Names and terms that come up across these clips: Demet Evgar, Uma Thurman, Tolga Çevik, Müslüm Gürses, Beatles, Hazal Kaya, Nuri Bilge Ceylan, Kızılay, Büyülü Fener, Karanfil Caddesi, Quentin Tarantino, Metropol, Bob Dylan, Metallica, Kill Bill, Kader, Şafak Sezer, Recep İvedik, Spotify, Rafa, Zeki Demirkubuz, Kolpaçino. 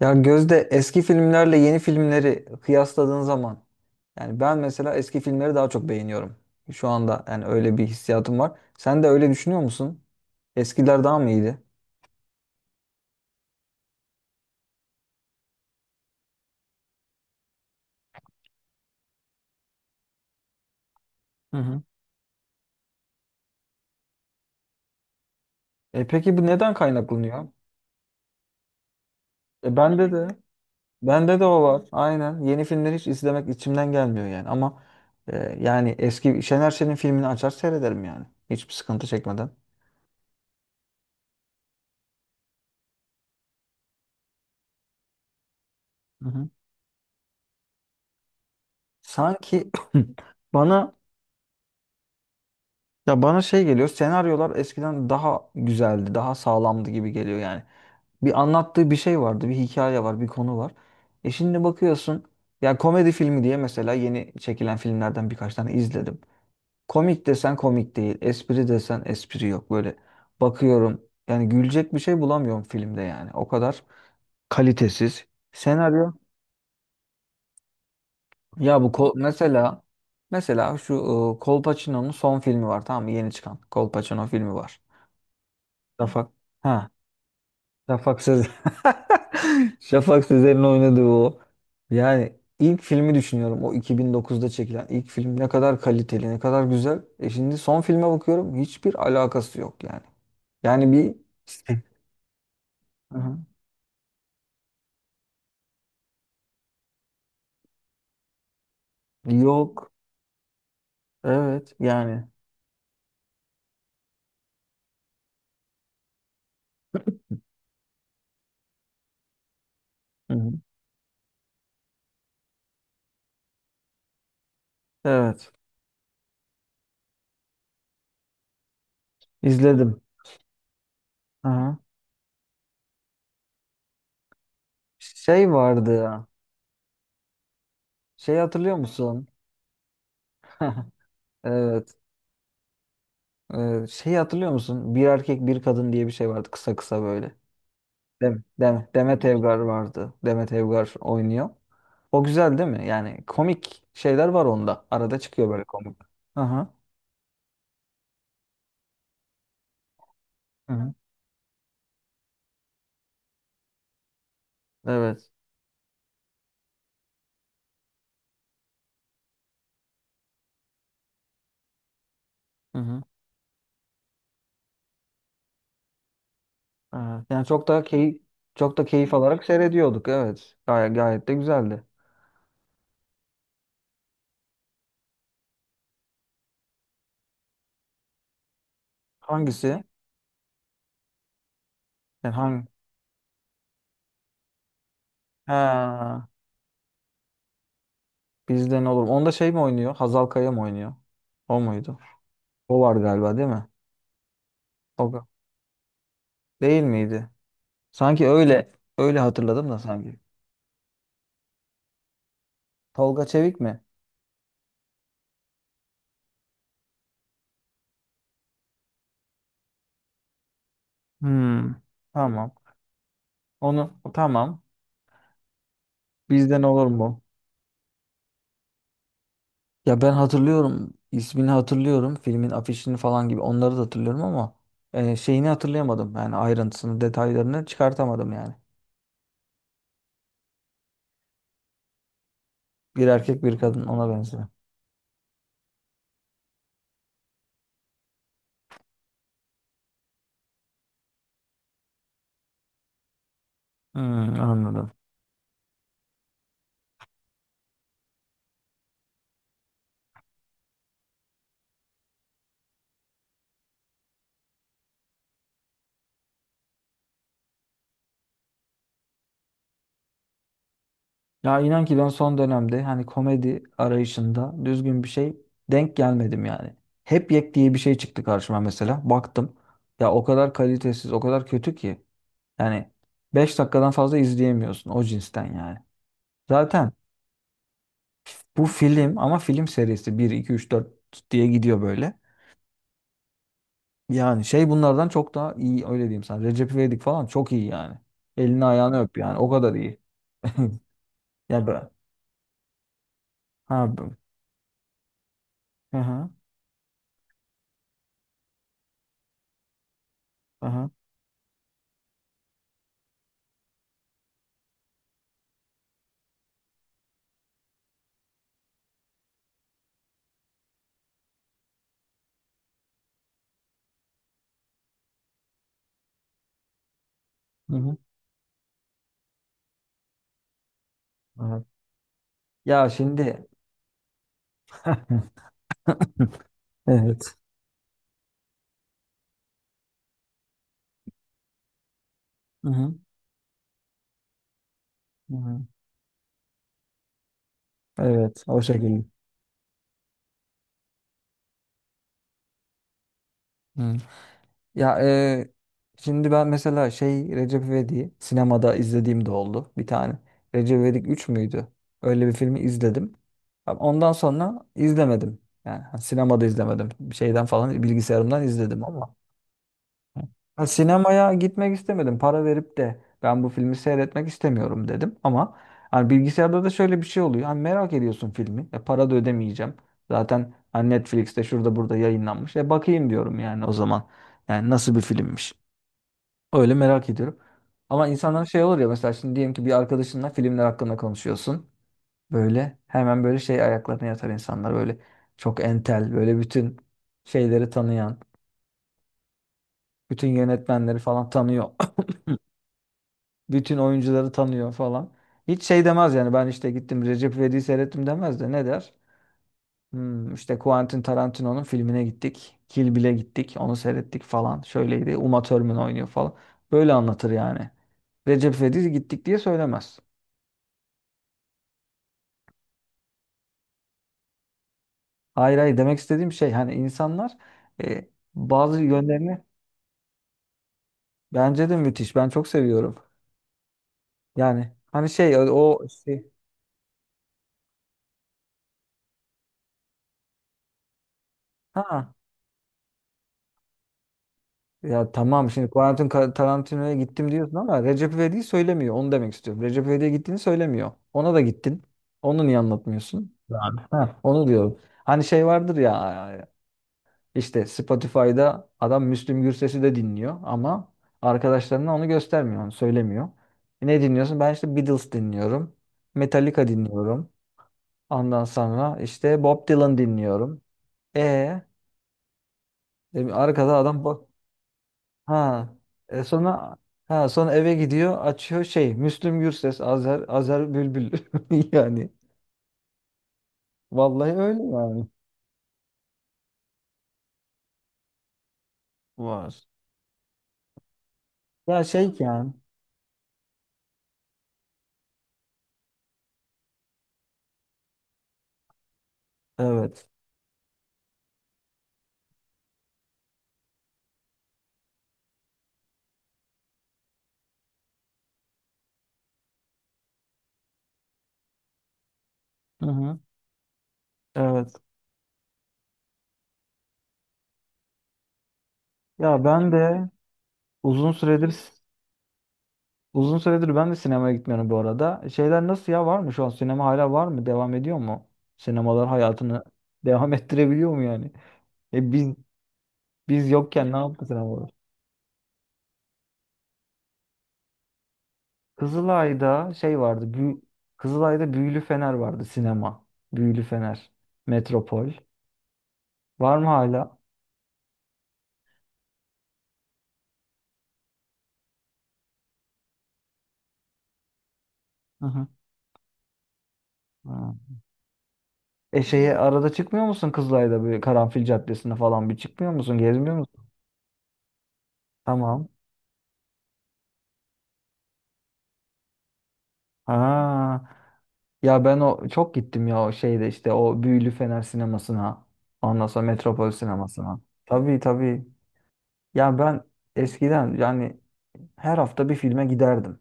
Ya Gözde eski filmlerle yeni filmleri kıyasladığın zaman yani ben mesela eski filmleri daha çok beğeniyorum. Şu anda yani öyle bir hissiyatım var. Sen de öyle düşünüyor musun? Eskiler daha mı iyiydi? Hı hı. E peki bu neden kaynaklanıyor? E bende de o var. Aynen. Yeni filmleri hiç izlemek içimden gelmiyor yani ama yani eski Şener Şen'in filmini açar seyrederim yani. Hiçbir sıkıntı çekmeden. Hı hı. Sanki bana Ya bana şey geliyor, senaryolar eskiden daha güzeldi, daha sağlamdı gibi geliyor yani. Bir anlattığı bir şey vardı, bir hikaye var, bir konu var. E şimdi bakıyorsun, ya komedi filmi diye mesela yeni çekilen filmlerden birkaç tane izledim. Komik desen komik değil, espri desen espri yok. Böyle bakıyorum, yani gülecek bir şey bulamıyorum filmde yani. O kadar kalitesiz. Senaryo, ya mesela mesela şu Kolpaçino'nun son filmi var, tamam mı? Yeni çıkan Kolpaçino filmi var. Rafa. Ha. Şafak Sezer. Şafak Sezer'in oynadığı o. Yani ilk filmi düşünüyorum. O 2009'da çekilen ilk film ne kadar kaliteli, ne kadar güzel. E şimdi son filme bakıyorum. Hiçbir alakası yok yani. Yani bir Hı-hı. Yok. Evet yani. Hı-hı. Evet. İzledim. Hı. Şey vardı ya. Şey hatırlıyor musun? Evet. Şey hatırlıyor musun? Bir erkek bir kadın diye bir şey vardı, kısa kısa böyle. Demet Evgar vardı. Demet Evgar oynuyor. O güzel değil mi? Yani komik şeyler var onda. Arada çıkıyor böyle komik. Hı hı. Hı hı. Evet. Hı hı. Evet. Yani çok da keyif alarak seyrediyorduk. Evet. Gayet, gayet de güzeldi. Hangisi? Yani hangi? Ha, bizden olur. Onda şey mi oynuyor? Hazal Kaya mı oynuyor? O muydu? O var galiba, değil mi? Tolga. Değil miydi? Sanki öyle hatırladım da sanki. Tolga Çevik mi? Hmm. Tamam. Onu tamam. Bizden olur mu? Ya ben hatırlıyorum, ismini hatırlıyorum, filmin afişini falan gibi onları da hatırlıyorum ama şeyini hatırlayamadım yani, ayrıntısını, detaylarını çıkartamadım yani. Bir erkek bir kadın ona benziyor. Hmm, anladım. Ya inan ki ben son dönemde hani komedi arayışında düzgün bir şey denk gelmedim yani. Hep yek diye bir şey çıktı karşıma mesela. Baktım, ya o kadar kalitesiz, o kadar kötü ki yani 5 dakikadan fazla izleyemiyorsun, o cinsten yani. Zaten. Bu film ama, film serisi, bir 2 3 4 diye gidiyor böyle. Yani şey, bunlardan çok daha iyi, öyle diyeyim sana. Recep İvedik falan çok iyi yani. Elini ayağını öp yani, o kadar iyi. Ya ben. Ha. Hı hı. Hı hı. Hı hı. Evet. Ya şimdi. Evet. Hı hı. Hı hı. Evet, o şekilde. Hı. Ya şimdi ben mesela şey, Recep İvedik'i sinemada izlediğim de oldu bir tane. Recep İvedik 3 müydü? Öyle bir filmi izledim. Ama ondan sonra izlemedim. Yani ha, sinemada izlemedim. Bir şeyden falan, bilgisayarımdan izledim ama. Ha, sinemaya gitmek istemedim. Para verip de ben bu filmi seyretmek istemiyorum dedim. Ama hani bilgisayarda da şöyle bir şey oluyor. Hani merak ediyorsun filmi. E, para da ödemeyeceğim. Zaten hani Netflix'te şurada burada yayınlanmış. E bakayım diyorum yani o zaman. Yani nasıl bir filmmiş. Öyle merak ediyorum. Ama insanlar şey olur ya, mesela şimdi diyelim ki bir arkadaşınla filmler hakkında konuşuyorsun. Böyle hemen böyle şey ayaklarına yatar insanlar. Böyle çok entel, böyle bütün şeyleri tanıyan. Bütün yönetmenleri falan tanıyor, bütün oyuncuları tanıyor falan. Hiç şey demez yani, ben işte gittim Recep İvedik'i seyrettim demez de ne der? Hmm, işte Quentin Tarantino'nun filmine gittik. Kill Bill'e gittik. Onu seyrettik falan. Şöyleydi. Uma Thurman oynuyor falan. Böyle anlatır yani. Recep İvedik'e gittik diye söylemez. Hayır hayır, demek istediğim şey, hani insanlar e, bazı yönlerini. Bence de müthiş. Ben çok seviyorum. Yani hani şey, o şey, ha. Ya tamam, şimdi Quentin Tarantino'ya gittim diyorsun ama Recep İvedik'i söylemiyor. Onu demek istiyorum. Recep İvedik'e gittiğini söylemiyor. Ona da gittin. Onu niye anlatmıyorsun? Abi. Ha, onu diyorum. Hani şey vardır ya, işte Spotify'da adam Müslüm Gürses'i de dinliyor ama arkadaşlarına onu göstermiyor, onu söylemiyor. E, ne dinliyorsun? Ben işte Beatles dinliyorum. Metallica dinliyorum. Ondan sonra işte Bob Dylan dinliyorum. E, arkada adam, bak. Ha. E sonra, ha sonra eve gidiyor, açıyor şey, Müslüm Gürses, Azer Bülbül. Yani vallahi öyle yani. Var. Ya şey yani. Evet. Hı hı. Evet. Ya ben de uzun süredir uzun süredir ben de sinemaya gitmiyorum bu arada. Şeyler nasıl ya, var mı şu an, sinema hala var mı? Devam ediyor mu? Sinemalar hayatını devam ettirebiliyor mu yani? E biz yokken ne yaptı sinemalar? Kızılay'da şey vardı. Kızılay'da Büyülü Fener vardı, sinema. Büyülü Fener. Metropol. Var mı hala? Hı hı. Ha. E şeye, arada çıkmıyor musun Kızılay'da, böyle Karanfil Caddesi'ne falan bir çıkmıyor musun? Gezmiyor musun? Tamam. Ha. Ya ben o çok gittim ya, o şeyde işte, o Büyülü Fener sinemasına. Ondan sonra Metropol sinemasına. Tabii tabii. Ya ben eskiden yani her hafta bir filme giderdim.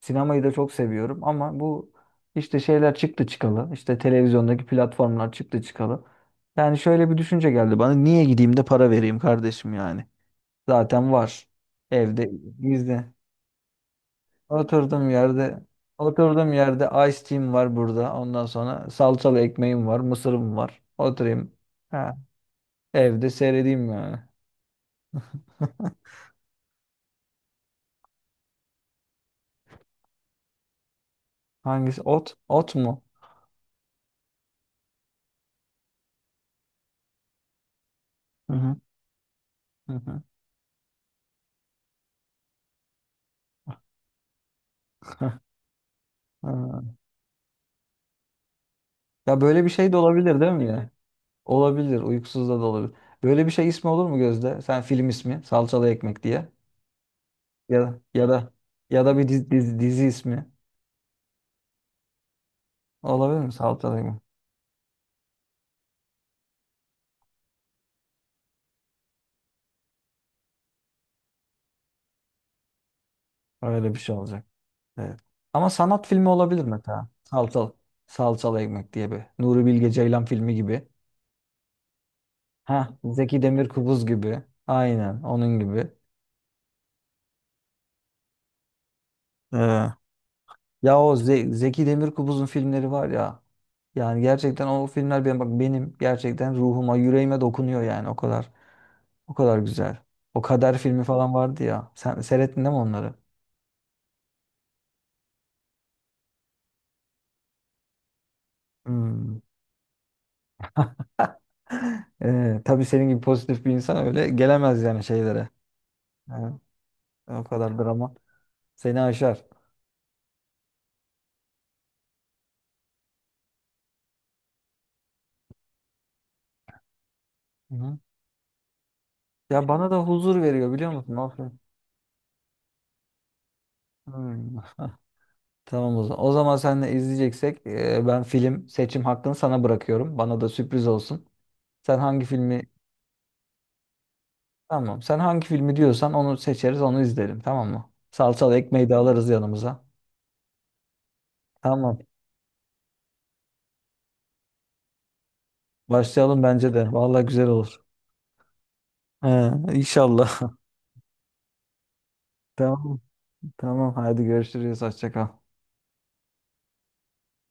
Sinemayı da çok seviyorum ama bu işte şeyler çıktı çıkalı. İşte televizyondaki platformlar çıktı çıkalı. Yani şöyle bir düşünce geldi bana. Niye gideyim de para vereyim kardeşim yani? Zaten var. Evde bizde. Oturduğum yerde oturduğum yerde ice tea'm var burada. Ondan sonra salçalı ekmeğim var, mısırım var. Oturayım. Ha, evde seyredeyim yani. Hangisi? Ot? Ot mu? Hı hı. Hı hı. Ha. Ya böyle bir şey de olabilir, değil mi ya? Olabilir. Uykusuz da da olabilir. Böyle bir şey ismi olur mu Gözde? Sen film ismi. Salçalı ekmek diye. Ya da ya da ya da bir dizi ismi. Olabilir mi? Salçalı ekmek. Öyle bir şey olacak. Evet. Ama sanat filmi olabilir mesela. Salçalı. Salçalı ekmek diye bir. Nuri Bilge Ceylan filmi gibi. Ha, Zeki Demirkubuz gibi. Aynen onun gibi. Ee, Ya o Zeki Demirkubuz'un filmleri var ya. Yani gerçekten o filmler benim, bak benim gerçekten ruhuma, yüreğime dokunuyor yani, o kadar. O kadar güzel. O Kader filmi falan vardı ya. Sen seyrettin değil mi onları? Hmm. Tabii senin gibi pozitif bir insan öyle gelemez yani şeylere. Yani o kadar drama seni aşar. Hı. Ya bana da huzur veriyor biliyor musun? O film. Hmm. Tamam o zaman. O zaman seninle izleyeceksek ben film seçim hakkını sana bırakıyorum. Bana da sürpriz olsun. Sen hangi filmi tamam. Sen hangi filmi diyorsan onu seçeriz, onu izlerim. Tamam mı? Salçalı ekmeği de alırız yanımıza. Tamam. Başlayalım bence de. Vallahi güzel olur. He, inşallah. Tamam. Tamam. Hadi görüşürüz. Hoşça kal.